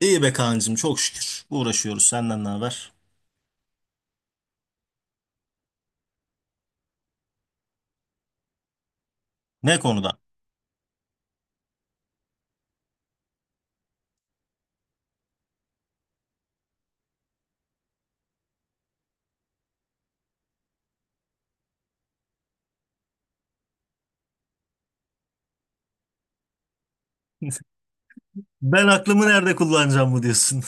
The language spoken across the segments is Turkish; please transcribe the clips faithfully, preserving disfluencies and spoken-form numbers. İyi be kancım çok şükür. Uğraşıyoruz, senden ne haber? Ne konuda? Ben aklımı nerede kullanacağım mı diyorsun?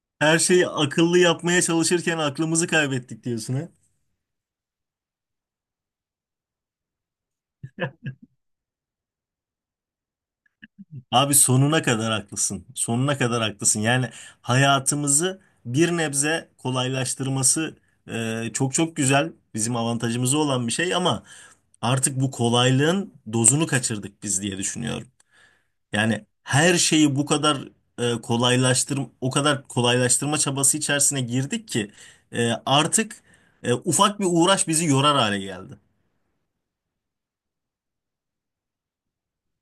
Her şeyi akıllı yapmaya çalışırken aklımızı kaybettik diyorsun, ha? Abi sonuna kadar haklısın. Sonuna kadar haklısın. Yani hayatımızı bir nebze kolaylaştırması e, çok çok güzel. Bizim avantajımıza olan bir şey ama artık bu kolaylığın dozunu kaçırdık biz diye düşünüyorum. Yani her şeyi bu kadar e, kolaylaştır, o kadar kolaylaştırma çabası içerisine girdik ki e, artık e, ufak bir uğraş bizi yorar hale geldi.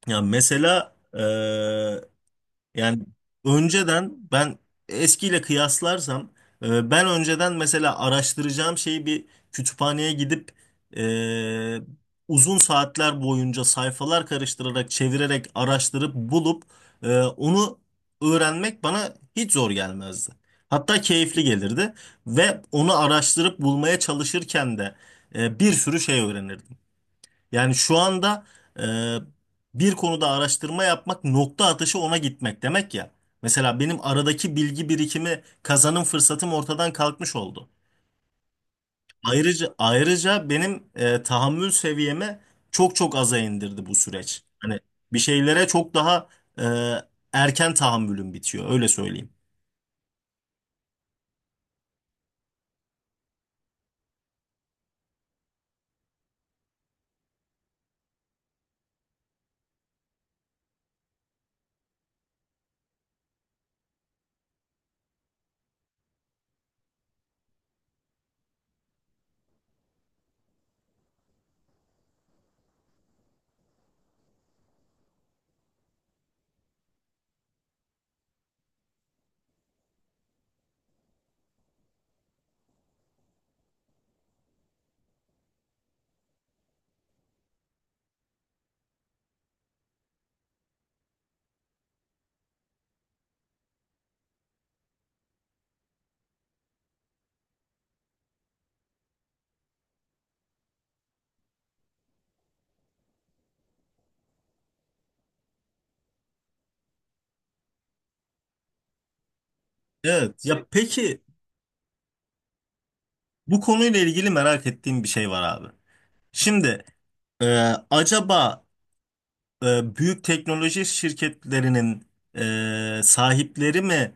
Ya mesela e, Yani önceden ben eskiyle kıyaslarsam e, ben önceden mesela araştıracağım şeyi bir kütüphaneye gidip e, uzun saatler boyunca sayfalar karıştırarak, çevirerek, araştırıp bulup e, onu öğrenmek bana hiç zor gelmezdi. Hatta keyifli gelirdi ve onu araştırıp bulmaya çalışırken de e, bir sürü şey öğrenirdim. Yani şu anda e, bir konuda araştırma yapmak nokta atışı ona gitmek demek ya. Mesela benim aradaki bilgi birikimi kazanım fırsatım ortadan kalkmış oldu. Ayrıca ayrıca benim e, tahammül seviyemi çok çok aza indirdi bu süreç. Hani bir şeylere çok daha e, erken tahammülüm bitiyor, öyle söyleyeyim. Evet ya, peki bu konuyla ilgili merak ettiğim bir şey var abi. Şimdi ee, acaba e, büyük teknoloji şirketlerinin e, sahipleri mi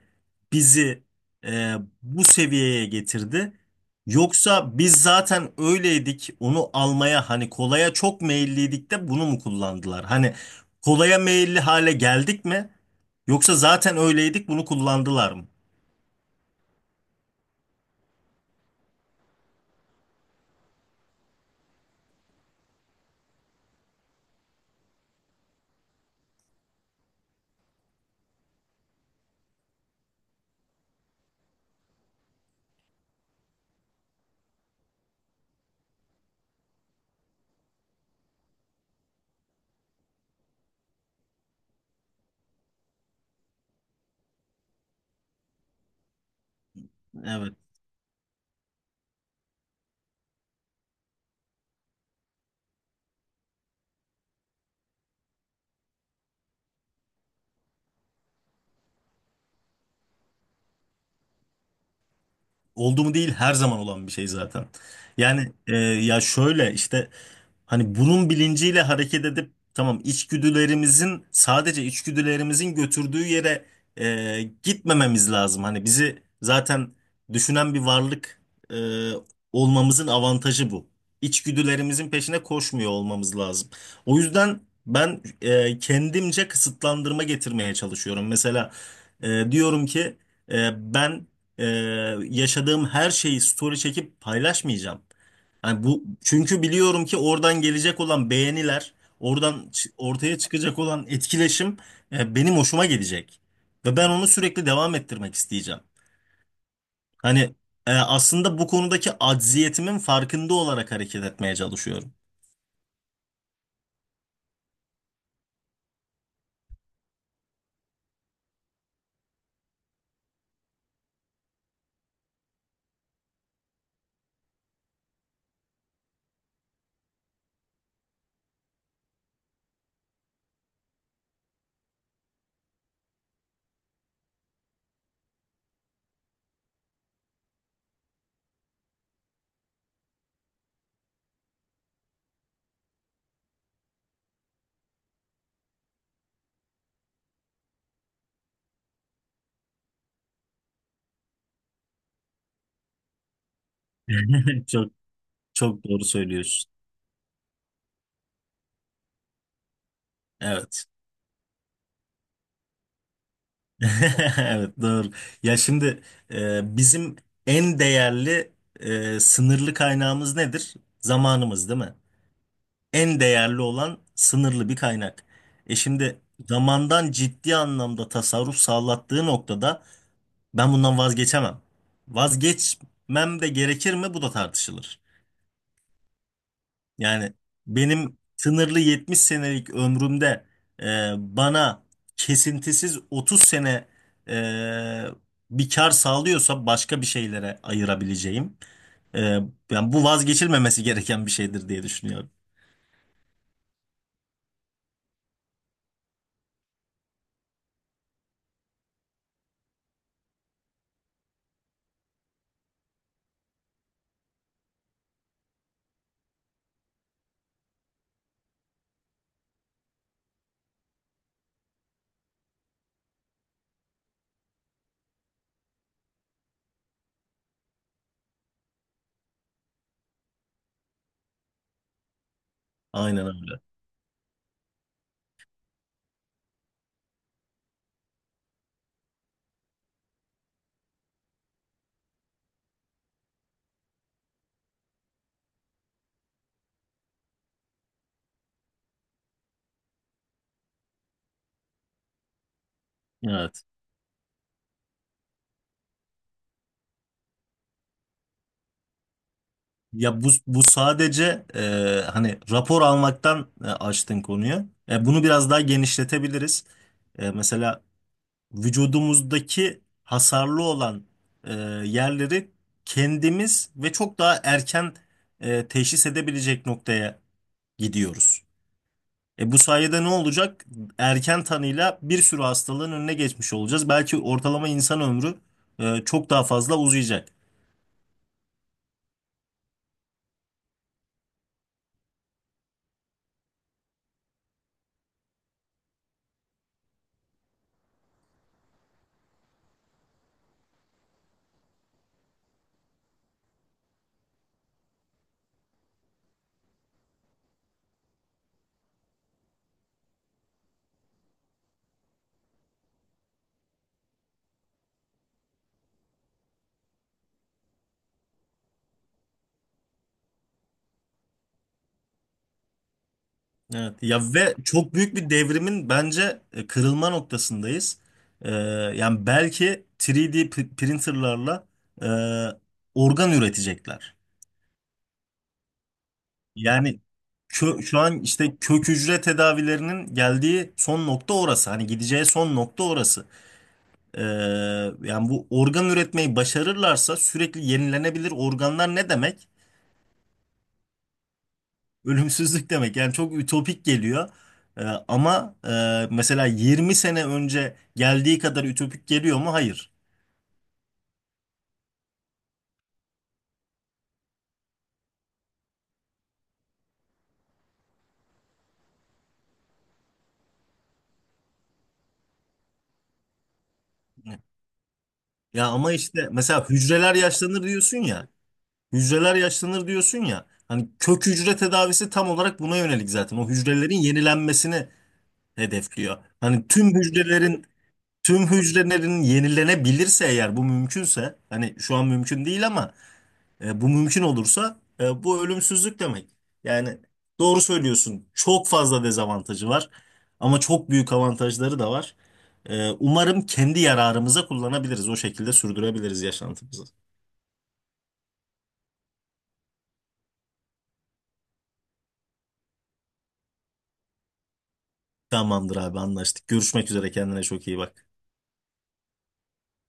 bizi e, bu seviyeye getirdi? Yoksa biz zaten öyleydik, onu almaya, hani kolaya çok meyilliydik de bunu mu kullandılar? Hani kolaya meyilli hale geldik mi? Yoksa zaten öyleydik, bunu kullandılar mı? Evet. Oldu mu değil, her zaman olan bir şey zaten. Yani e, ya şöyle işte, hani bunun bilinciyle hareket edip tamam, içgüdülerimizin, sadece içgüdülerimizin götürdüğü yere e, gitmememiz lazım. Hani bizi zaten düşünen bir varlık e, olmamızın avantajı bu. İçgüdülerimizin peşine koşmuyor olmamız lazım. O yüzden ben e, kendimce kısıtlandırma getirmeye çalışıyorum. Mesela e, diyorum ki e, ben e, yaşadığım her şeyi story çekip paylaşmayacağım. Yani bu, çünkü biliyorum ki oradan gelecek olan beğeniler, oradan çı- ortaya çıkacak olan etkileşim e, benim hoşuma gidecek ve ben onu sürekli devam ettirmek isteyeceğim. Hani e, aslında bu konudaki acziyetimin farkında olarak hareket etmeye çalışıyorum. Çok çok doğru söylüyorsun. Evet. Evet, doğru. Ya şimdi e, bizim en değerli e, sınırlı kaynağımız nedir? Zamanımız değil mi? En değerli olan sınırlı bir kaynak. E şimdi zamandan ciddi anlamda tasarruf sağlattığı noktada ben bundan vazgeçemem. Vazgeçmem de gerekir mi? Bu da tartışılır. Yani benim sınırlı yetmiş senelik ömrümde e, bana kesintisiz otuz sene e, bir kar sağlıyorsa başka bir şeylere ayırabileceğim. E, Yani bu vazgeçilmemesi gereken bir şeydir diye düşünüyorum. Aynen öyle. Evet. Ya bu, bu sadece e, hani rapor almaktan e, açtın konuyu. E, bunu biraz daha genişletebiliriz. E, mesela vücudumuzdaki hasarlı olan e, yerleri kendimiz ve çok daha erken e, teşhis edebilecek noktaya gidiyoruz. E, bu sayede ne olacak? Erken tanıyla bir sürü hastalığın önüne geçmiş olacağız. Belki ortalama insan ömrü e, çok daha fazla uzayacak. Evet ya, ve çok büyük bir devrimin bence e, kırılma noktasındayız. Ee, Yani belki üç D pr- printerlarla e, organ üretecekler. Yani kö- şu an işte kök hücre tedavilerinin geldiği son nokta orası. Hani gideceği son nokta orası. Ee, Yani bu organ üretmeyi başarırlarsa, sürekli yenilenebilir organlar ne demek? Ölümsüzlük demek, yani çok ütopik geliyor. Ee, Ama e, mesela yirmi sene önce geldiği kadar ütopik geliyor mu? Hayır. Ya ama işte mesela hücreler yaşlanır diyorsun ya. Hücreler yaşlanır diyorsun ya. Hani kök hücre tedavisi tam olarak buna yönelik zaten. O hücrelerin yenilenmesini hedefliyor. Hani tüm hücrelerin tüm hücrelerin yenilenebilirse, eğer bu mümkünse, hani şu an mümkün değil, ama E, bu mümkün olursa e, bu ölümsüzlük demek. Yani doğru söylüyorsun. Çok fazla dezavantajı var ama çok büyük avantajları da var. E, umarım kendi yararımıza kullanabiliriz. O şekilde sürdürebiliriz yaşantımızı. Tamamdır abi, anlaştık. Görüşmek üzere, kendine çok iyi bak.